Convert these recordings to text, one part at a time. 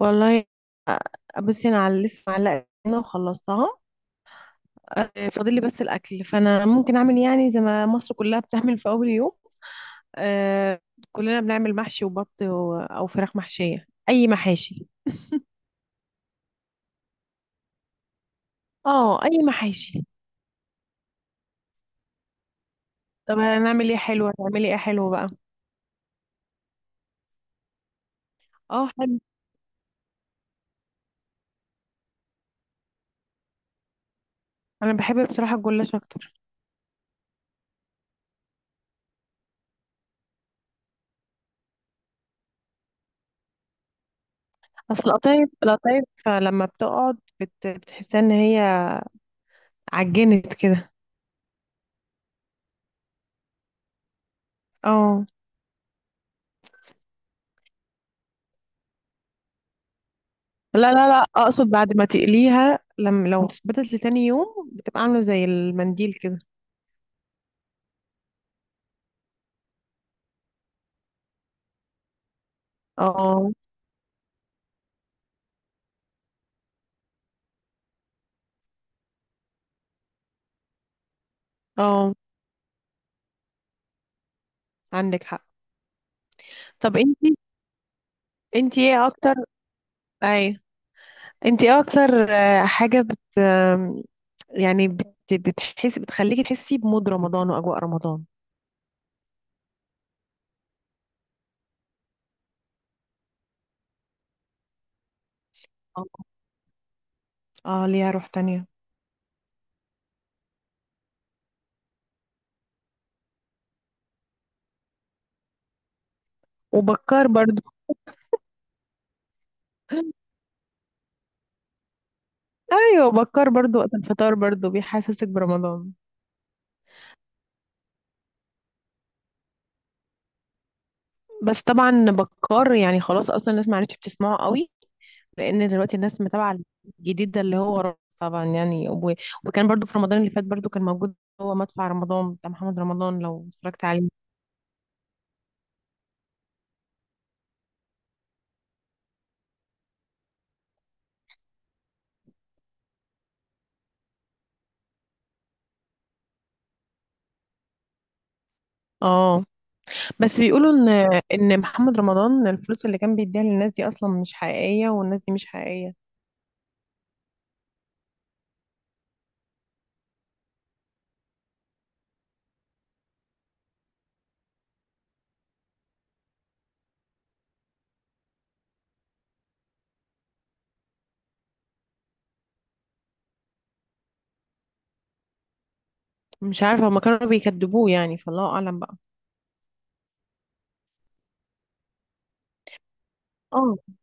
والله، بصي، انا على لسه معلقه هنا وخلصتها. فاضل لي بس الاكل، فانا ممكن اعمل يعني زي ما مصر كلها بتعمل في اول يوم. آه، كلنا بنعمل محشي وبط او فراخ محشيه، اي محاشي. اه، اي محاشي. طب، هنعمل ايه حلو؟ هتعملي ايه حلو بقى؟ اه، حلو. انا بحب بصراحه الجلاش اكتر. اصل القطايف، القطايف لما بتقعد بتحسها ان هي عجنت كده. اه. لا، لا، لا، اقصد بعد ما تقليها، لما لو ثبتت لتاني يوم بتبقى عامله زي المنديل كده. اه، اه، عندك حق. طب، انتي ايه اكتر؟ اي انتي ايه اكتر، حاجه بت آم، يعني بتحس، بتخليكي تحسي بمود رمضان واجواء رمضان؟ اه. ليها روح تانية. وبكار برضو. ايوه، بكار برضو وقت الفطار برضو بيحسسك برمضان. بس طبعا بكار، يعني، خلاص اصلا الناس ما عادتش بتسمعه قوي، لان دلوقتي الناس متابعه الجديد ده اللي هو رامز طبعا، يعني وكان برضو في رمضان اللي فات برضو كان موجود. هو مدفع رمضان بتاع محمد رمضان، لو اتفرجت عليه. اه، بس بيقولوا ان محمد رمضان الفلوس اللي كان بيديها للناس دي اصلا مش حقيقيه، والناس دي مش حقيقيه. مش عارفه، هما كانوا بيكذبوه يعني، فالله اعلم بقى. اه،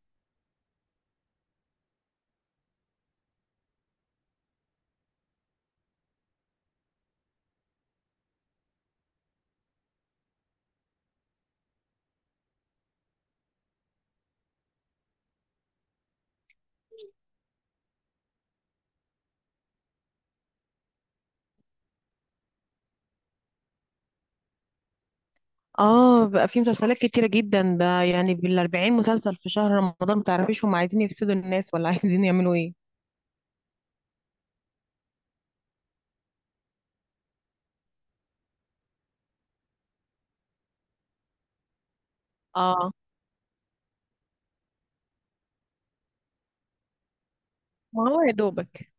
اه، بقى في مسلسلات كتيره جدا، ده يعني بالاربعين مسلسل في شهر رمضان. متعرفيش هما عايزين يفسدوا الناس، ولا عايزين يعملوا ايه؟ اه، ما هو يا دوبك.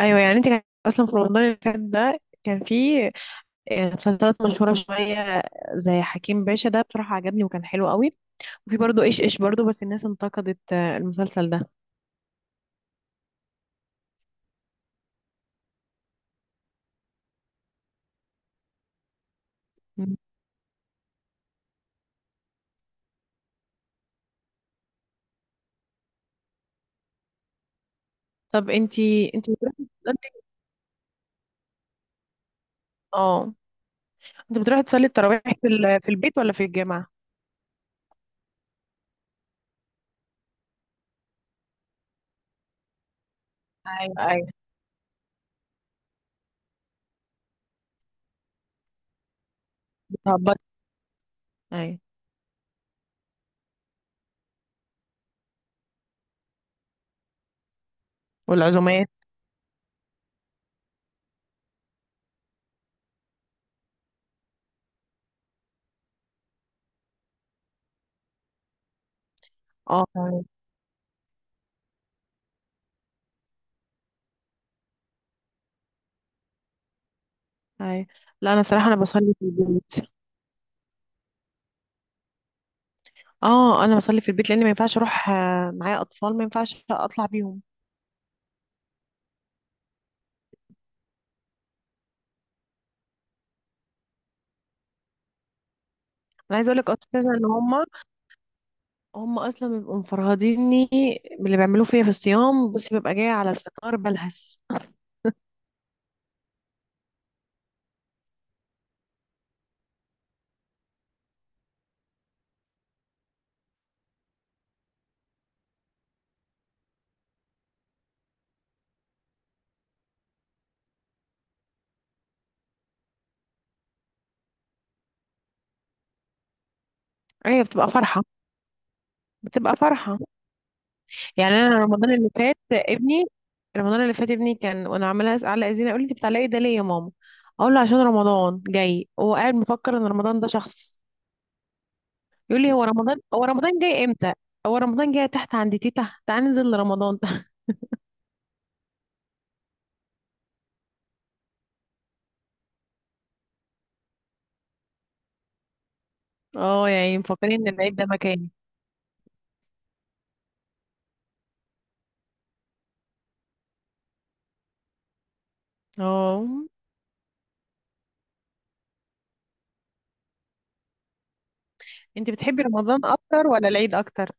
ايوه، يعني انت كان اصلا في رمضان اللي فات ده كان في مسلسلات مشهوره شويه، زي حكيم باشا، ده بصراحه عجبني وكان حلو قوي. وفي برضه ايش ايش برضه، بس الناس انتقدت المسلسل ده. مم. طب، انتي بتروحي تصلي- اه، انت بتروحي تصلي التراويح في في البيت ولا في الجامعه؟ ايوه، ايوه. بتهبطي؟ ايوه. والعزومات. اه، تمام. ايوه. لا، انا بصراحه انا بصلي في البيت. اه، انا بصلي في البيت لان ما ينفعش اروح، معايا اطفال، ما ينفعش اطلع بيهم. انا عايزه اقول لك اساسا ان هم اصلا بيبقوا مفرهديني باللي بيعملوه فيا في الصيام، بس ببقى جايه على الفطار بلهس. ايوه، بتبقى فرحه، بتبقى فرحه. يعني انا رمضان اللي فات ابني رمضان اللي فات ابني كان وانا عماله اعلق زينه، اقول لي: انت بتعلقي ده ليه يا ماما؟ اقول له عشان رمضان جاي. هو قاعد مفكر ان رمضان ده شخص. يقول لي: هو رمضان جاي امتى؟ هو رمضان جاي تحت عند تيتا، تعالى ننزل لرمضان. اه، يعني مفكرين ان العيد ده مكاني. اه، انت بتحبي رمضان اكتر ولا العيد اكتر؟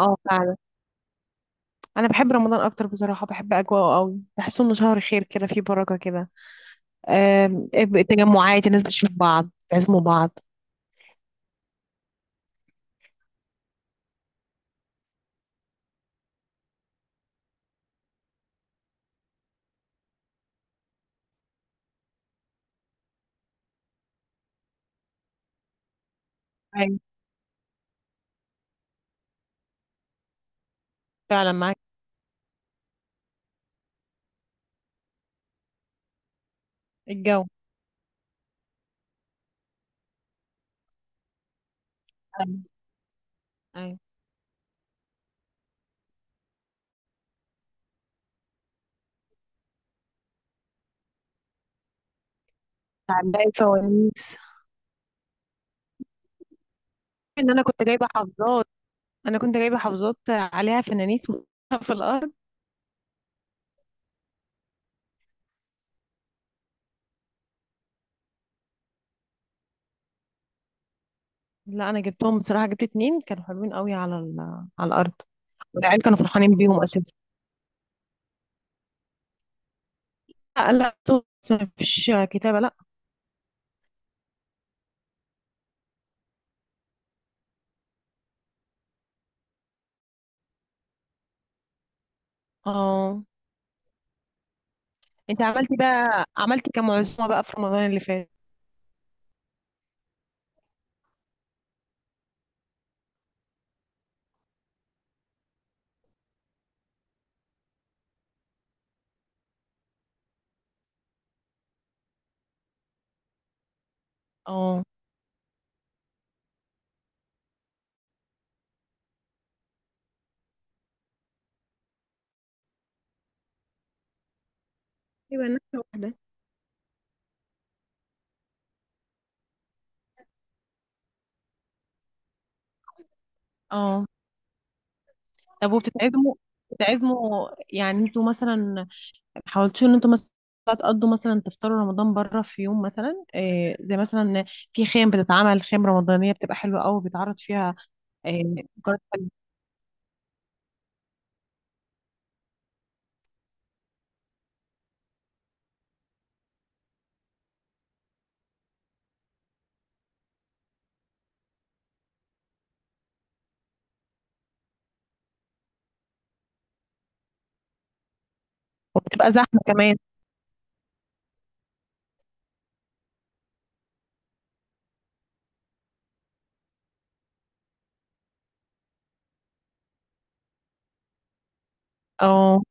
اه، فعلا. انا بحب رمضان اكتر بصراحه، بحب اجواءه قوي، بحس انه شهر خير كده، فيه بركه كده. آم، تجمعات الناس، بتشوف بعض، تعزموا بعض. ايوه، فعلا معاك. الجو. ايوه، أيوة. تعلقي الفوانيس. ان انا كنت جايبه حافظات عليها فوانيس في الارض. لا، انا جبتهم بصراحه، جبت اتنين كانوا حلوين قوي على على الارض. والعيال كانوا فرحانين بيهم اساسا. لا، لا، ما فيش كتابه، لا. اه، انت عملتي كام عزومه بقى في رمضان اللي فات؟ اه، يبقى نكتة واحدة. اه، طب، وبتتعزموا يعني انتوا مثلا حاولتوا ان انتوا مثلا تقضوا، مثلا تفطروا رمضان بره في يوم، مثلا إيه، زي مثلا في خيم بتتعمل، خيم رمضانية بتبقى حلوة قوي بيتعرض فيها إيه، فقرات حلوة. وبتبقى زحمة كمان. اه،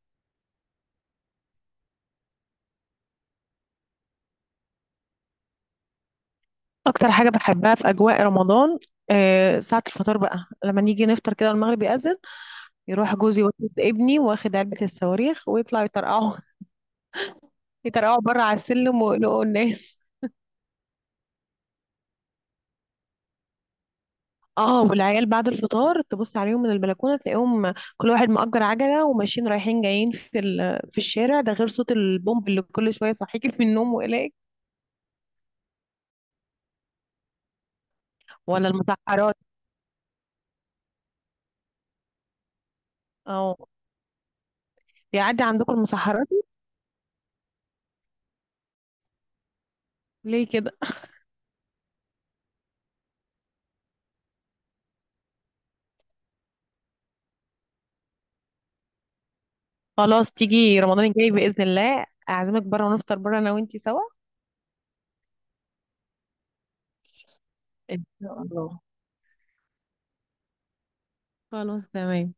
اكتر حاجة بحبها في اجواء رمضان إيه؟ ساعة الفطار بقى، لما نيجي نفطر كده، المغرب يأذن، يروح جوزي واخد ابني واخد علبة الصواريخ ويطلعوا يطرقعوا. يطرقعوا بره على السلم ويقلقوا الناس. اه، والعيال بعد الفطار تبص عليهم من البلكونه تلاقيهم كل واحد مأجر عجله وماشيين رايحين جايين في في الشارع، ده غير صوت البومب اللي كل شويه صحيك من النوم وإليك. ولا المسحرات. اه، يعدي عندكم المسحرات؟ ليه كده؟ خلاص، تيجي رمضان الجاي بإذن الله اعزمك بره، ونفطر بره انا وانتي سوا. ان شاء الله. خلاص، تمام.